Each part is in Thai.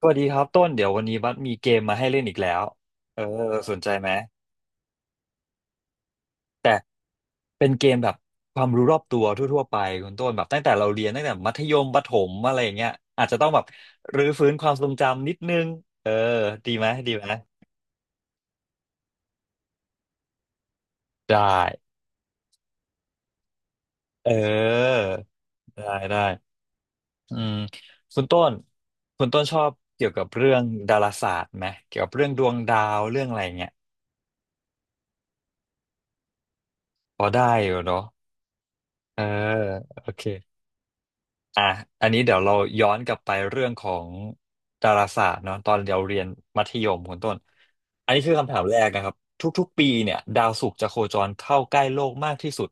สวัสดีครับต้นเดี๋ยววันนี้บัสมีเกมมาให้เล่นอีกแล้วเออสนใจไหมแต่เป็นเกมแบบความรู้รอบตัวทั่วๆไปคุณต้นแบบตั้งแต่เราเรียนตั้งแต่มัธยมประถมอะไรอย่างเงี้ยอาจจะต้องแบบรื้อฟื้นความทรงจำนิดนึงเออดีไหมดีไหมได้เออได้ได้อืมคุณต้นคุณต้นชอบเกี่ยวกับเรื่องดาราศาสตร์ไหมเกี่ยวกับเรื่องดวงดาวเรื่องอะไรอย่างเงี้ยพอได้อยู่เนาะเออโอเค อ่ะอันนี้เดี๋ยวเราย้อนกลับไปเรื่องของดาราศาสตร์เนาะตอนเราเรียนมัธยมคุณต้นอันนี้คือคำถามแรกนะครับทุกๆปีเนี่ยดาวศุกร์จะโคจรเข้าใกล้โลกมากที่สุด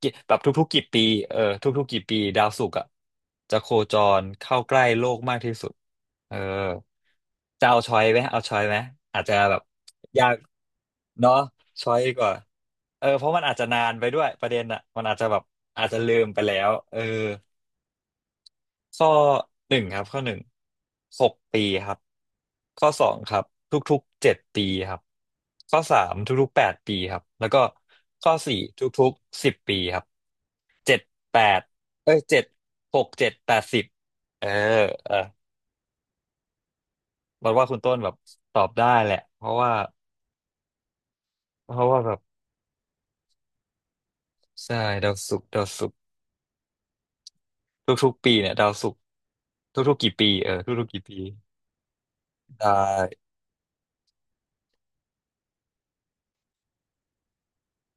กี่แบบทุกๆกี่ปีเออทุกๆกี่ปีดาวศุกร์อ่ะจะโคจรเข้าใกล้โลกมากที่สุดเออจะเอาช้อยไหมเอาช้อยไหมอาจจะแบบยากเนาะช้อยดีกว่าเออเพราะมันอาจจะนานไปด้วยประเด็นอ่ะมันอาจจะแบบอาจจะลืมไปแล้วเออ ข้อหนึ่งครับข้อหนึ่งหกปีครับข้อสองครับทุกๆเจ็ดปีครับข้อสามทุกๆแปดปีครับแล้วก็ข้อสี่ทุกๆสิบปีครับเจ็ดแปดเอ้ยเจ็ดหกเจ็ดแปดสิบเออเออบอกว่าคุณต้นแบบตอบได้แหละเพราะว่าเพราะว่าแบบใช่ดาวศุกร์ทุกๆปีเนี่ยดาวศุกร์ทุกๆกี่ปีเออทุกๆกี่ปีได้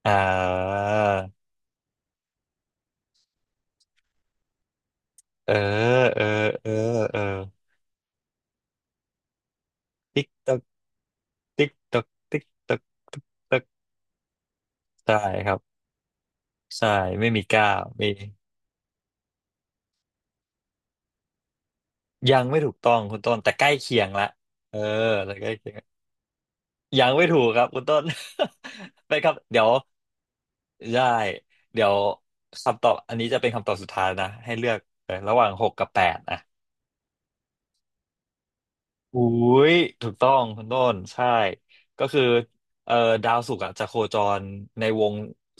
อ่าเออเออเออเออ ติ๊กตอกติ๊กตอกติ๊กตอกติ๊กตอกใช่ครับใช่ไม่มีก้าวมียังไม่ถูกต้องคุณต้นแต่ใกล้เคียงละเออแต่ใกล้เคียงยังไม่ถูกครับคุณต้น ไปครับเดี๋ยวได้เดี๋ยวคำตอบอันนี้จะเป็นคำตอบสุดท้ายนะให้เลือกเออระหว่างหกกับแปด อุ้ยถูกต้องคุณต้นใช่ก็คือเอ่อดาวศุกร์อะจะโคจรในวง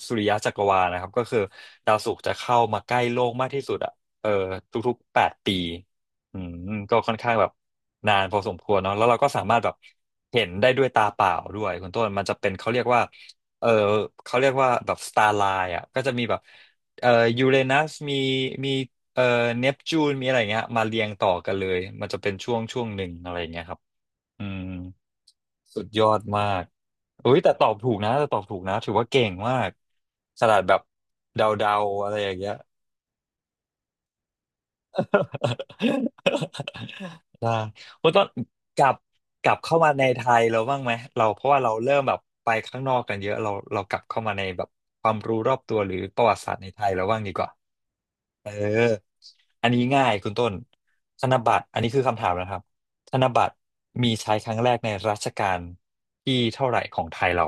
สุริยะจักรวาลนะครับก็คือดาวศุกร์จะเข้ามาใกล้โลกมากที่สุดอ่ะเออทุกๆแปดปีอืมก็ค่อนข้างแบบนานพอสมควรเนาะแล้วเราก็สามารถแบบเห็นได้ด้วยตาเปล่าด้วยคุณต้นมันจะเป็นเขาเรียกว่าเออเขาเรียกว่าแบบสตาร์ไลน์อ่ะก็จะมีแบบเอ่อยูเรนัสมี เอ่อเนปจูนมีอะไรเงี้ยมาเรียงต่อกันเลยมันจะเป็นช่วงหนึ่งอะไรเงี้ยครับอืมสุดยอดมากอุ้ยแต่ตอบถูกนะแต่ตอบถูกนะถือว่าเก่งมากขนาดแบบเดาๆอะไรอย่างเงี้ย ได้ว่าต้อนกลับกลับเข้ามาในไทยเราบ้างไหมเราเพราะว่าเราเริ่มแบบไปข้างนอกกันเยอะเราเรากลับเข้ามาในแบบความรู้รอบตัวหรือประวัติศาสตร์ในไทยเราบ้างดีกว่า เอออันนี้ง่ายคุณต้นธนบัตรอันนี้คือคำถามนะครับธนบัตรมีใช้ครั้งแรกในรัชกาลที่เท่าไหร่ของไทยเรา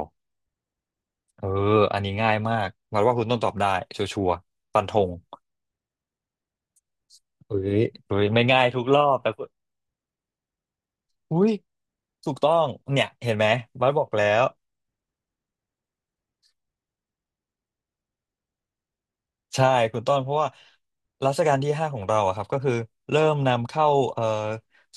เอออันนี้ง่ายมากหวังว่าคุณต้นตอบได้ชัวร์ๆฟันธงเฮ้ยเฮ้ยไม่ง่ายทุกรอบแต่คุณอุ้ยถูกต้องเนี่ยเห็นไหมบัสบอกแล้ว ใช่คุณต้นเพราะว่ารัชกาลที่ห้าของเราอะครับก็คือเริ่มนำเข้าเอ่อ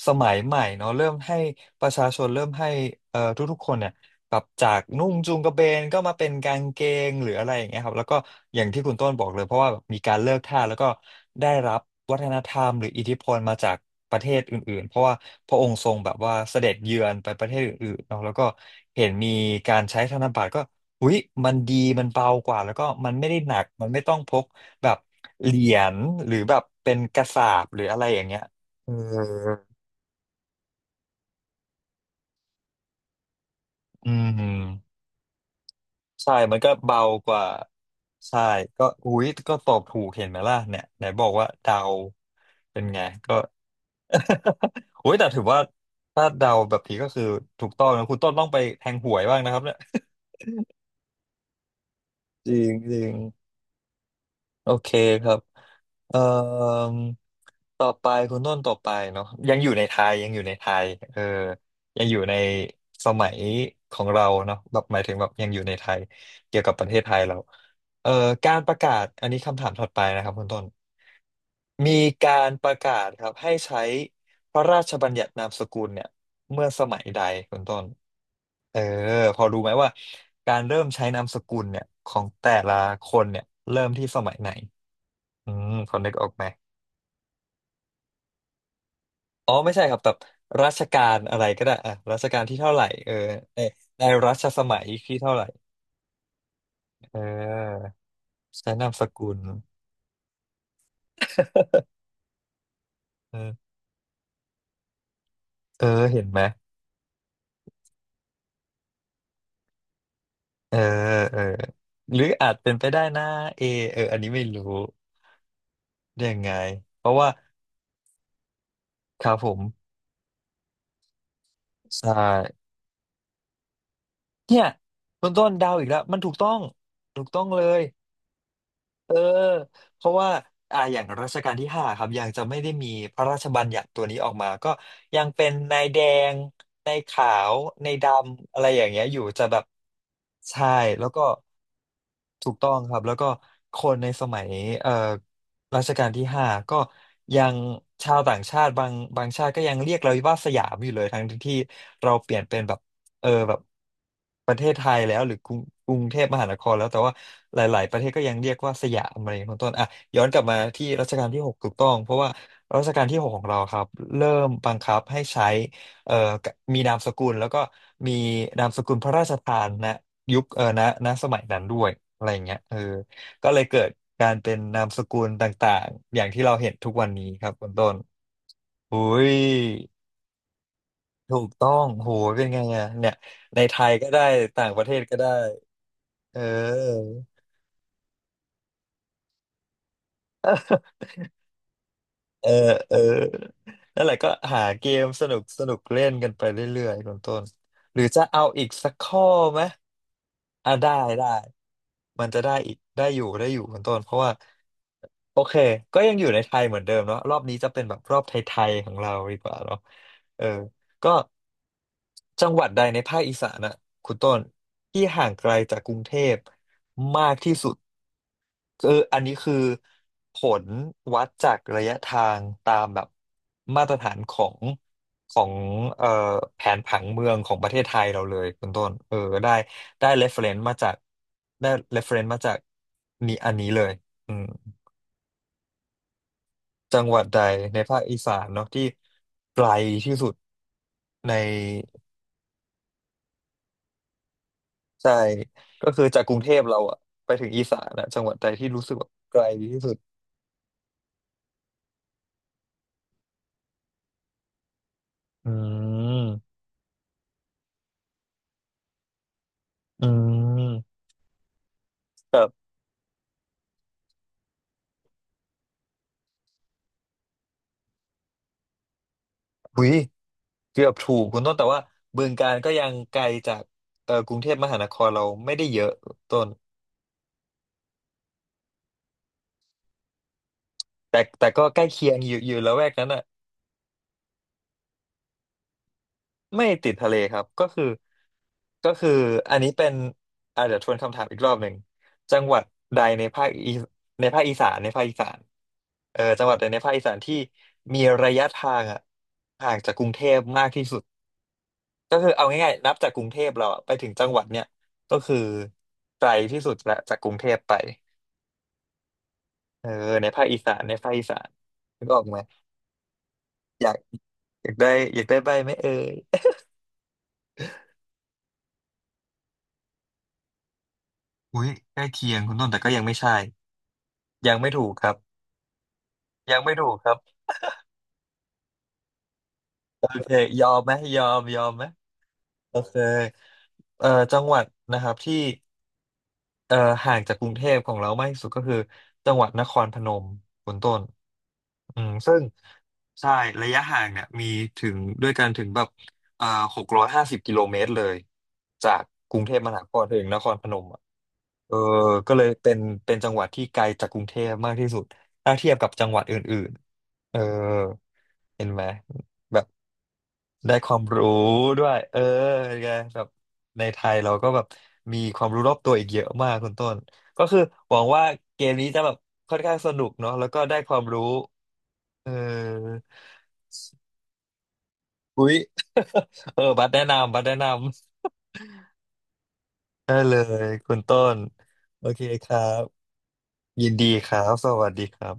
สมัยใหม่เนาะเริ่มให้ประชาชนเริ่มให้ทุกๆคนเนี่ยปรับจากนุ่งจูงกระเบนก็มาเป็นกางเกงหรืออะไรอย่างเงี้ยครับแล้วก็อย่างที่คุณต้นบอกเลยเพราะว่าแบบมีการเลิกทาสแล้วก็ได้รับวัฒนธรรมหรืออิทธิพลมาจากประเทศอื่นๆเพราะว่าพระองค์ทรงแบบว่าเสด็จเยือนไปประเทศอื่นๆเนาะแล้วก็เห็นมีการใช้ธนบัตรก็ อุ๊ยมันดีมันเบากว่าแล้วก็มันไม่ได้หนักมันไม่ต้องพกแบบเหรียญหรือแบบเป็นกระสาบหรืออะไรอย่างเงี้ยเอออืมใช่มันก็เบากว่าใช่ก็อุ๊ยก็ตอบถูกเห็นไหมล่ะเนี่ยไหนบอกว่าเดาเป็นไงก็ โอ้ยแต่ถือว่าถ้าเดาแบบนี้ก็คือถูกต้องนะคุณต้นต้องไปแทงหวยบ้างนะครับเนี่ย จริงจริง โอเคครับเอ่อต่อไปคุณต้นต่อไปเนาะยังอยู่ในไทยยังอยู่ในไทยเออยังอยู่ในสมัยของเราเนาะแบบหมายถึงแบบยังอยู่ในไทยเกี่ยวกับประเทศไทยเราเอ่อการประกาศอันนี้คำถามถัดไปนะครับคุณต้นมีการประกาศครับให้ใช้พระราชบัญญัตินามสกุลเนี่ย เมื่อสมัยใดคุณต้นเออพอรู้ไหมว่าการเริ่มใช้นามสกุลเนี่ยของแต่ละคนเนี่ยเริ่มที่สมัยไหนอืมพอนึกออกไหมอ๋อไม่ใช่ครับแต่รัชกาลอะไรก็ได้อ่ะรัชกาลที่เท่าไหร่ในรัชสมัยที่เท่าไหร่เออ ใช้นามสกุลเออเออเห็นไหม เออเออหรืออาจเป็นไปได้นะเออันนี้ไม่รู้ได้ยังไงเพราะว่าครับผมใช่ เนี่ยคุณต้นเดาวอีกแล้วมันถูกต้องถูกต้องเลยเออเพราะว่าอย่างรัชกาลที่ห้าครับยังจะไม่ได้มีพระราชบัญญัติตัวนี้ออกมาก็ยังเป็นนายแดงนายขาวนายดำอะไรอย่างเงี้ยอยู่จะแบบใช่แล้วก็ถูกต้องครับแล้วก็คนในสมัยเอ่อรัชกาลที่ห้าก็ยังชาวต่างชาติบางชาติก็ยังเรียกเราว่าสยามอยู่เลยทั้งที่เราเปลี่ยนเป็นแบบ แบบประเทศไทยแล้วหรือกรุงเทพมหานครแล้วแต่ว่าหลายๆประเทศก็ยังเรียกว่าสยามอะไรอย่างเงี้ยเป็นต้นอ่ะย้อนกลับมาที่รัชกาลที่หกถูกต้องเพราะว่ารัชกาลที่หกของเราครับเริ่มบังคับให้ใช้เอ่อมีนามสกุลแล้วก็มีนามสกุลพระราชทานนะยุคเออนะนะสมัยนั้นด้วยอะไรอย่างเงี้ยก็เลยเกิดการเป็นนามสกุลต่างๆอย่างที่เราเห็นทุกวันนี้ครับคุณต้นอุ้ย ถูกต้องโหเป็นไงอะเนี่ยในไทยก็ได้ ต่างประเทศก็ได้เออ เออเออนั่นแหละก็หาเกมสนุกสนุกเล่นกันไปเรื่อยๆคุณต้นหรือจะเอาอีกสักข้อไหมอ่ะได้ได้มันจะได้อีกได้อยู่ได้อยู่คุณต้นเพราะว่าโอเคก็ยังอยู่ในไทยเหมือนเดิมเนาะ รอบนี้จะเป็นแบบรอบไทยๆของเราดีกว่าเนาะเออก็จังหวัดใดในภาคอีสานน่ะคุณต้นที่ห่างไกลจากกรุงเทพมากที่สุด คืออันนี้คือผลวัดจากระยะทางตามแบบมาตรฐานของเอ่อแผนผังเมืองของประเทศไทยเราเลยคุณต้นได้ได้ reference มาจากได้ reference มาจากนี่อันนี้เลยอืมจังหวัดใดในภาคอีสานเนาะที่ไกลที่สุดในใช่ก็คือจากกรุงเทพเราอะไปถึงอีสานอะจังหวัดใดที่รู้สึกว่าไกลที่สุดอืมอืมแต่ หุยเกือบถูกคุณต้นแต่ว่าบึงกาฬก็ยังไกลจากกรุงเทพมหานครเราไม่ได้เยอะต้นแต่แต่ก็ใกล้เคียงอยู่อยู่ละแวกนั้นอ่ะไม่ติดทะเลครับก็คือก็คืออันนี้เป็นอาจจะเดี๋ยวทวนคำถามอีกรอบหนึ่งจังหวัดใดในภาคอีในภาคอีสานในภาคอีสานเออจังหวัดใดในภาคอีสานที่มีระยะทางอ่ะห่างจากกรุงเทพมากที่สุด ก็คือเอาง่ายๆนับจากกรุงเทพเราอะไปถึงจังหวัดเนี่ยก็คือไกลที่สุดละจากกรุงเทพไปเออในภาคอีสานในภาคอีสานนึกออกไหมอยากอยากได้อยากได้ใบไหมเอ่ย อุ้ยใกล้เคียงคุณต้นแต่ก็ยังไม่ใช่ยังไม่ถูกครับยังไม่ถูกครับโอเคยอมไหมยอมไหมโอเคจังหวัดนะครับที่เอ่อห่างจากกรุงเทพของเรามากที่สุดก็คือจังหวัดนครพนมคุณต้น อืมซึ่งใช่ระยะห่างเนี่ยมีถึงด้วยกันถึงแบบอ่า650 กิโลเมตรเลยจากกรุงเทพมหานครถึงนครพนมอ่ะเออก็เลยเป็นเป็นจังหวัดที่ไกลจากกรุงเทพมากที่สุดถ้าเทียบกับจังหวัดอื่นๆเห็นไหมแบบ ได้ความรู้ด้วยเป็นไงแบบในไทยเราก็แบบมีความรู้รอบตัวอีกเยอะมากคุณต้นก็คือหวังว่าเกมนี้จะแบบค่อนข้างสนุกเนาะแล้วก็ได้ความรู้เอออุ๊ย บัตรแนะนำบัตรแนะนำได้เลยคุณต้นโอเคครับยินดีครับสวัสดีครับ